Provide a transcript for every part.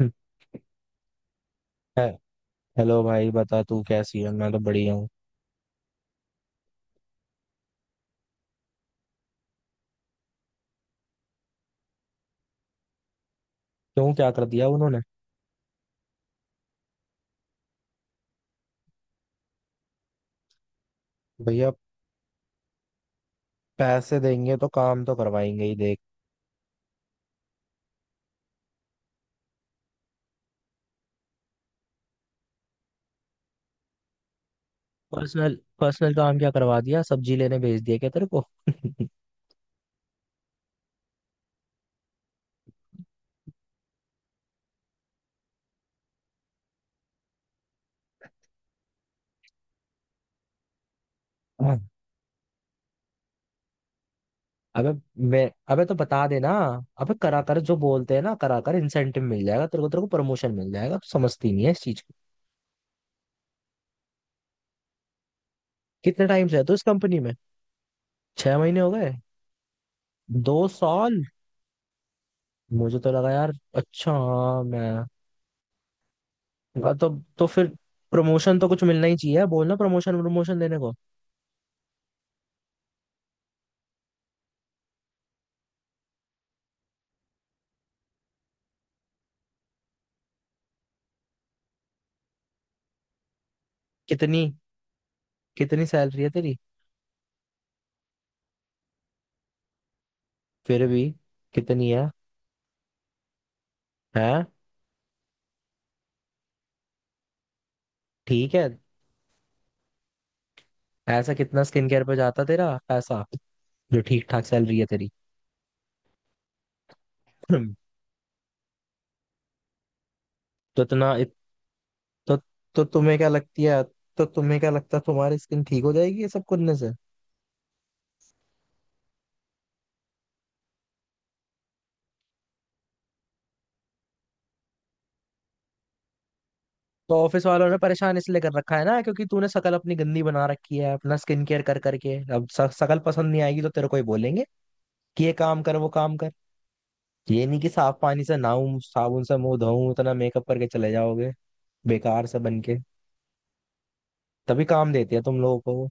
है- हेलो भाई, बता तू कैसी है? मैं तो बढ़िया हूँ। क्यों, क्या कर दिया उन्होंने? भैया, पैसे देंगे तो काम तो करवाएंगे ही, देख। पर्सनल पर्सनल काम क्या करवा दिया? सब्जी लेने भेज दिया क्या तेरे को? हाँ। अबे, मैं अबे तो बता देना। अबे करा कर, जो बोलते हैं ना, करा कर। इंसेंटिव मिल जाएगा तेरे को, तेरे को प्रमोशन मिल जाएगा। तू समझती नहीं है इस चीज को। कितने टाइम से है तू इस कंपनी में? 6 महीने हो गए? 2 साल? मुझे तो लगा यार। अच्छा, हाँ। मैं, वाह। तो फिर प्रमोशन तो कुछ मिलना ही चाहिए। बोल ना प्रमोशन, प्रमोशन देने को। कितनी, कितनी सैलरी है तेरी? फिर भी कितनी है? है? ठीक है। ऐसा कितना स्किन केयर पे जाता तेरा पैसा जो ठीक ठाक सैलरी है तेरी? हम्म, तो तो, तो तुम्हें क्या लगता है तुम्हारी स्किन ठीक हो जाएगी ये सब करने से? तो ऑफिस वालों ने परेशान इसलिए कर रखा है ना, क्योंकि तूने शकल अपनी गंदी बना रखी है। अपना स्किन केयर कर करके अब शकल पसंद नहीं आएगी, तो तेरे को ही बोलेंगे कि ये काम कर, वो काम कर। ये नहीं कि साफ पानी से नहाऊं, साबुन से मुंह धोऊं, इतना मेकअप करके चले जाओगे बेकार से बन के। तभी काम देती है तुम लोगों को वो।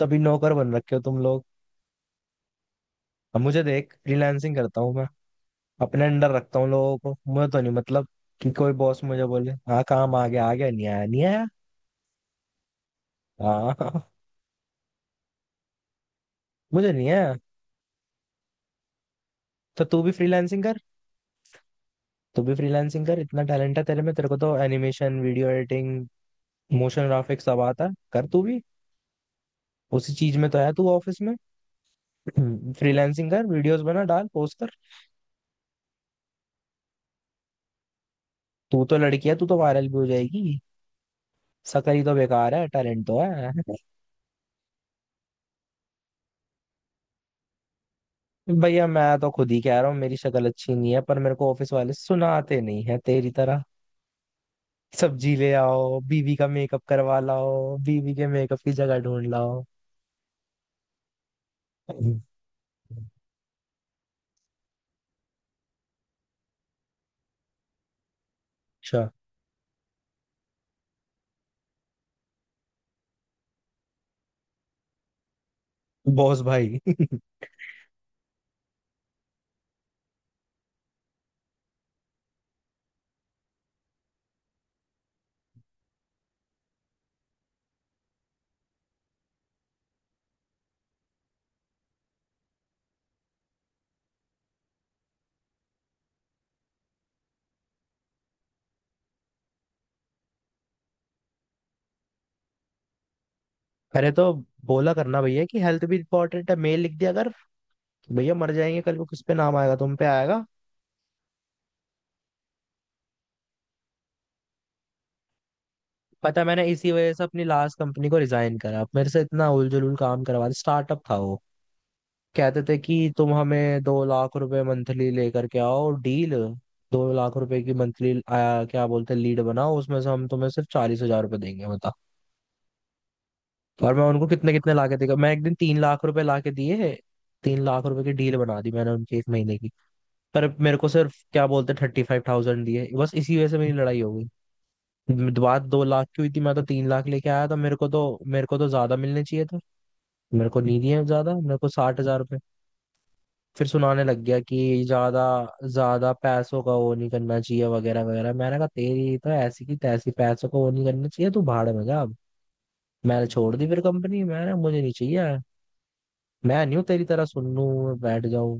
तभी नौकर बन रखे हो तुम लोग। अब मुझे देख, फ्रीलांसिंग करता हूँ मैं। अपने अंडर रखता हूँ लोगों को। मुझे तो नहीं मतलब कि कोई बॉस मुझे बोले, हाँ काम आ गया, आ गया, नहीं आया, नहीं आया। हाँ। मुझे नहीं आया। तो तू भी फ्रीलांसिंग कर। तू भी फ्रीलांसिंग कर, इतना टैलेंट है तेरे में। तेरे को तो animation, video editing, motion graphics सब आता है। कर तू भी, उसी चीज में तो है तू ऑफिस में। फ्रीलांसिंग कर, वीडियोस बना डाल, पोस्ट कर। तू तो लड़की है, तू तो वायरल भी हो जाएगी। शक्ल ही तो बेकार है, टैलेंट तो है। भैया, मैं तो खुद ही कह रहा हूँ मेरी शक्ल अच्छी नहीं है, पर मेरे को ऑफिस वाले सुनाते नहीं है तेरी तरह। सब्जी ले आओ, बीवी का मेकअप करवा लाओ, बीवी के मेकअप की जगह ढूंढ लाओ। अच्छा। बॉस भाई। अरे तो बोला करना, भैया कि हेल्थ भी इंपॉर्टेंट है। मेल लिख दिया अगर भैया मर जाएंगे कल को, किस पे नाम आएगा? तुम पे आएगा। पता है, मैंने इसी वजह से अपनी लास्ट कंपनी को रिजाइन करा। मेरे से इतना उल जुलूल काम करवा, स्टार्टअप था वो। कहते थे कि तुम हमें 2 लाख रुपए मंथली लेकर के आओ डील। 2 लाख रुपए की मंथली आया, क्या बोलते हैं लीड बनाओ, उसमें से हम तुम्हें सिर्फ 40 हजार रुपए देंगे, बता। और मैं उनको कितने कितने लाके देगा, मैं एक दिन 3 लाख रुपए लाके दिए। 3 लाख रुपए की डील बना दी मैंने उनकी एक महीने की। पर मेरे को सिर्फ क्या बोलते 35,000 दिए। बस इसी वजह से मेरी लड़ाई हो गई। बात 2 लाख की हुई थी, मैं तो 3 लाख लेके आया था। मेरे को तो ज्यादा मिलने चाहिए थे। मेरे को नहीं दिए ज्यादा, मेरे को 60 हजार रुपये। फिर सुनाने लग गया कि ज्यादा ज्यादा पैसों का वो नहीं करना चाहिए वगैरह वगैरह। मैंने कहा तेरी तो ऐसी की तैसी, पैसों का वो नहीं करना चाहिए, तू भाड़ में जा अब। मैंने छोड़ दी फिर कंपनी, मैंने मुझे नहीं चाहिए। मैं नहीं हूँ तेरी तरह सुन लूँ बैठ जाऊँ।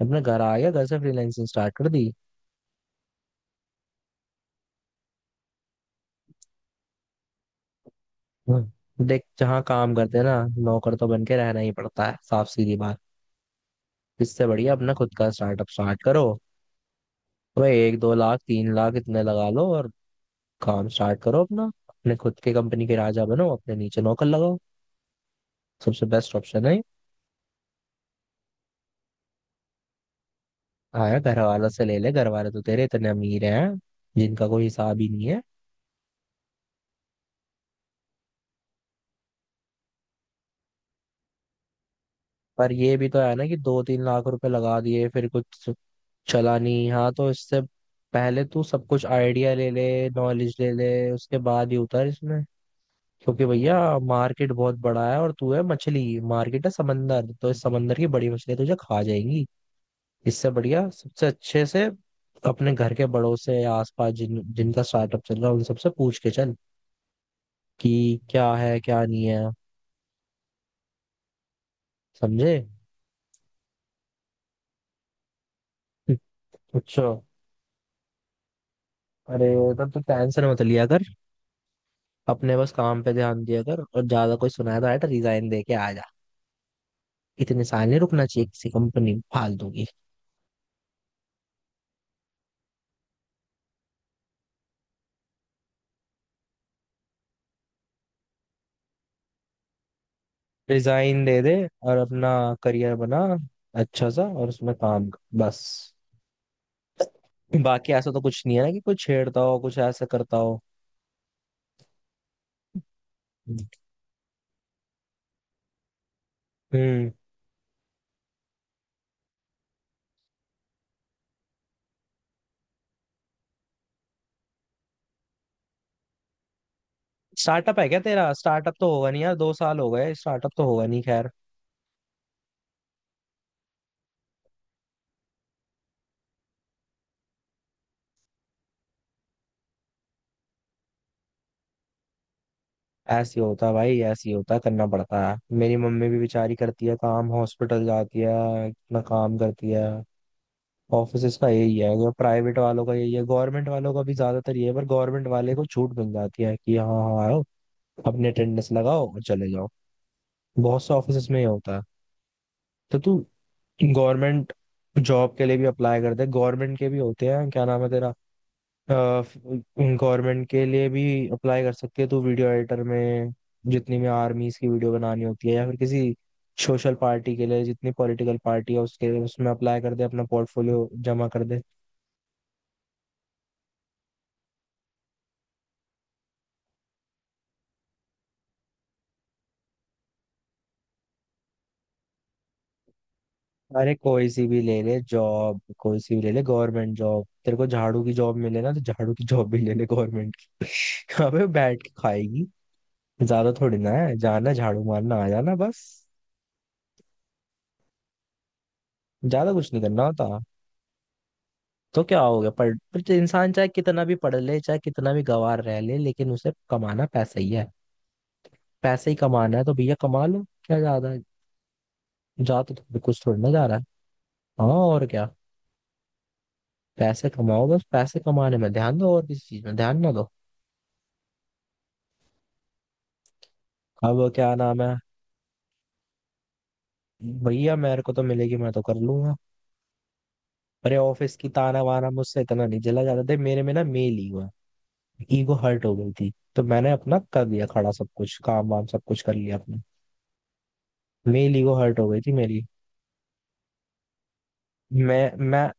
अपने घर आ गया, घर से फ्रीलैंसिंग स्टार्ट कर दी। हम्म। देख, जहाँ काम करते हैं ना, नौकर तो बन के रहना ही पड़ता है, साफ सीधी बात। इससे बढ़िया अपना खुद का स्टार्टअप स्टार्ट करो। भाई, एक दो लाख तीन लाख इतने लगा लो और काम स्टार्ट करो अपना। अपने खुद के कंपनी के राजा बनो, अपने नीचे नौकर लगाओ। सबसे बेस्ट ऑप्शन है। आया, घर वालों से ले ले। घर वाले तो तेरे इतने अमीर हैं जिनका कोई हिसाब ही नहीं है। पर ये भी तो है ना कि 2-3 लाख रुपए लगा दिए फिर कुछ चला नहीं? हाँ, तो इससे पहले तू सब कुछ आइडिया ले ले, नॉलेज ले ले, उसके बाद ही उतर इसमें। क्योंकि भैया, मार्केट बहुत बड़ा है और तू है मछली, मार्केट है समंदर, तो इस समंदर की बड़ी मछलियां तुझे खा जाएंगी। इससे बढ़िया सबसे अच्छे से अपने घर के बड़ों से या आसपास जिन जिनका स्टार्टअप चल रहा है उन सबसे पूछ के चल, कि क्या है क्या नहीं है। समझे? अच्छा। अरे, तब तू टेंशन मत लिया कर। अपने बस काम पे ध्यान दिया कर, और ज्यादा कोई सुनाया तो आया तो रिजाइन दे के आ जा। इतने साल नहीं रुकना चाहिए किसी कंपनी फालतू की। डिजाइन दे दे और अपना करियर बना अच्छा सा, और उसमें काम कर, बस। बाकी ऐसा तो कुछ नहीं है ना कि कुछ छेड़ता हो, कुछ ऐसा करता हो? हम्म स्टार्टअप है क्या तेरा? स्टार्टअप तो होगा नहीं यार, 2 साल हो गए, स्टार्टअप तो होगा नहीं, खैर। ऐसे ही होता है भाई, ऐसे ही होता है, करना पड़ता है। मेरी मम्मी भी बेचारी करती है काम, हॉस्पिटल जाती है, इतना काम करती है। ऑफिसेस का यही है, जो प्राइवेट वालों का यही है, गवर्नमेंट वालों का भी ज्यादातर ये है, पर गवर्नमेंट वाले को छूट मिल जाती है कि हाँ हाँ आओ, अपने अटेंडेंस लगाओ और चले जाओ। बहुत से ऑफिस में ही होता है। तो तू गवर्नमेंट जॉब के लिए भी अप्लाई कर दे। गवर्नमेंट के भी होते हैं, क्या नाम है तेरा, गवर्नमेंट के लिए भी अप्लाई कर सकती है तू वीडियो एडिटर में। जितनी भी आर्मीज की वीडियो बनानी होती है, या फिर किसी सोशल पार्टी के लिए, जितनी पॉलिटिकल पार्टी है उसके लिए, उसमें अप्लाई कर दे, अपना पोर्टफोलियो जमा कर दे। अरे, कोई सी भी ले ले जॉब, कोई सी भी ले ले गवर्नमेंट जॉब। तेरे को झाड़ू की जॉब मिले ना तो झाड़ू की जॉब भी ले ले गवर्नमेंट की। अबे, बैठ के खाएगी। ज्यादा थोड़ी ना है, जाना, झाड़ू मारना, आ जाना, बस। ज्यादा कुछ नहीं करना होता। तो क्या हो गया पढ़, पर जो इंसान चाहे कितना भी पढ़ ले, चाहे कितना भी गंवार रह ले, लेकिन उसे कमाना पैसा ही है। पैसे ही कमाना है, तो भैया कमा लो, क्या ज्यादा है? जा तो थोड़ी, कुछ थोड़ी ना जा रहा है। हाँ और क्या। पैसे कमाओ, बस पैसे कमाने में ध्यान दो, और किसी चीज में ध्यान ना दो। अब क्या नाम है, भैया मेरे को तो मिलेगी, मैं तो कर लूंगा। अरे, ऑफिस की ताना वाना मुझसे इतना नहीं जला जाता थे, मेरे में ना मेल ही हुआ है। ईगो हर्ट हो गई थी, तो मैंने अपना कर दिया खड़ा सब कुछ, काम वाम सब कुछ कर लिया अपने। मेरी ईगो हर्ट हो गई थी मेरी। मैं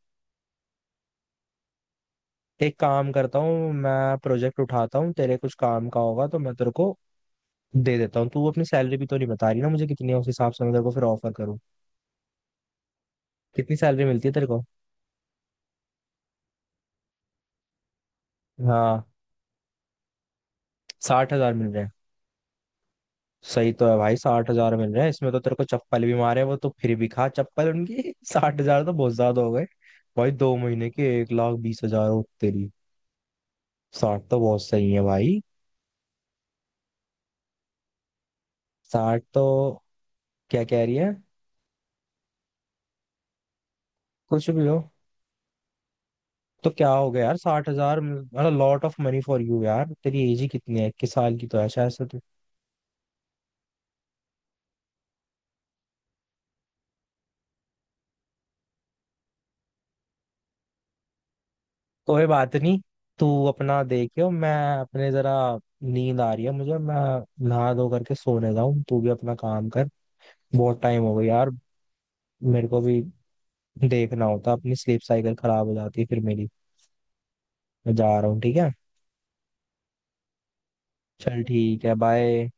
एक काम करता हूँ, मैं प्रोजेक्ट उठाता हूँ, तेरे कुछ काम का होगा तो मैं तेरे को दे देता हूँ। तू अपनी सैलरी भी तो नहीं बता रही ना मुझे, कितनी है उस हिसाब से मैं तेरे को फिर ऑफर करूँ। कितनी सैलरी मिलती है तेरे को? हाँ, 60 हजार मिल रहे हैं? सही तो है भाई, 60 हजार मिल रहे हैं, इसमें तो तेरे को चप्पल भी मारे वो, तो फिर भी खा चप्पल उनकी। 60 हजार तो बहुत ज्यादा हो गए भाई। दो महीने के 1,20,000 हो तेरी। साठ तो बहुत सही है भाई। साठ तो, क्या कह रही है। कुछ भी हो, तो क्या हो गया यार, 60 हजार मतलब lot of money for you यार। तेरी एज ही कितनी है? 21 साल की तो है शायद से तू। कोई बात नहीं, तू अपना देखियो, मैं अपने जरा, नींद आ रही है मुझे, मैं नहा धो करके सोने जाऊं। तू भी अपना काम कर, बहुत टाइम हो गया यार। मेरे को भी देखना होता, अपनी स्लीप साइकिल खराब हो जाती है फिर मेरी। मैं जा रहा हूँ, ठीक है? चल ठीक है, बाय।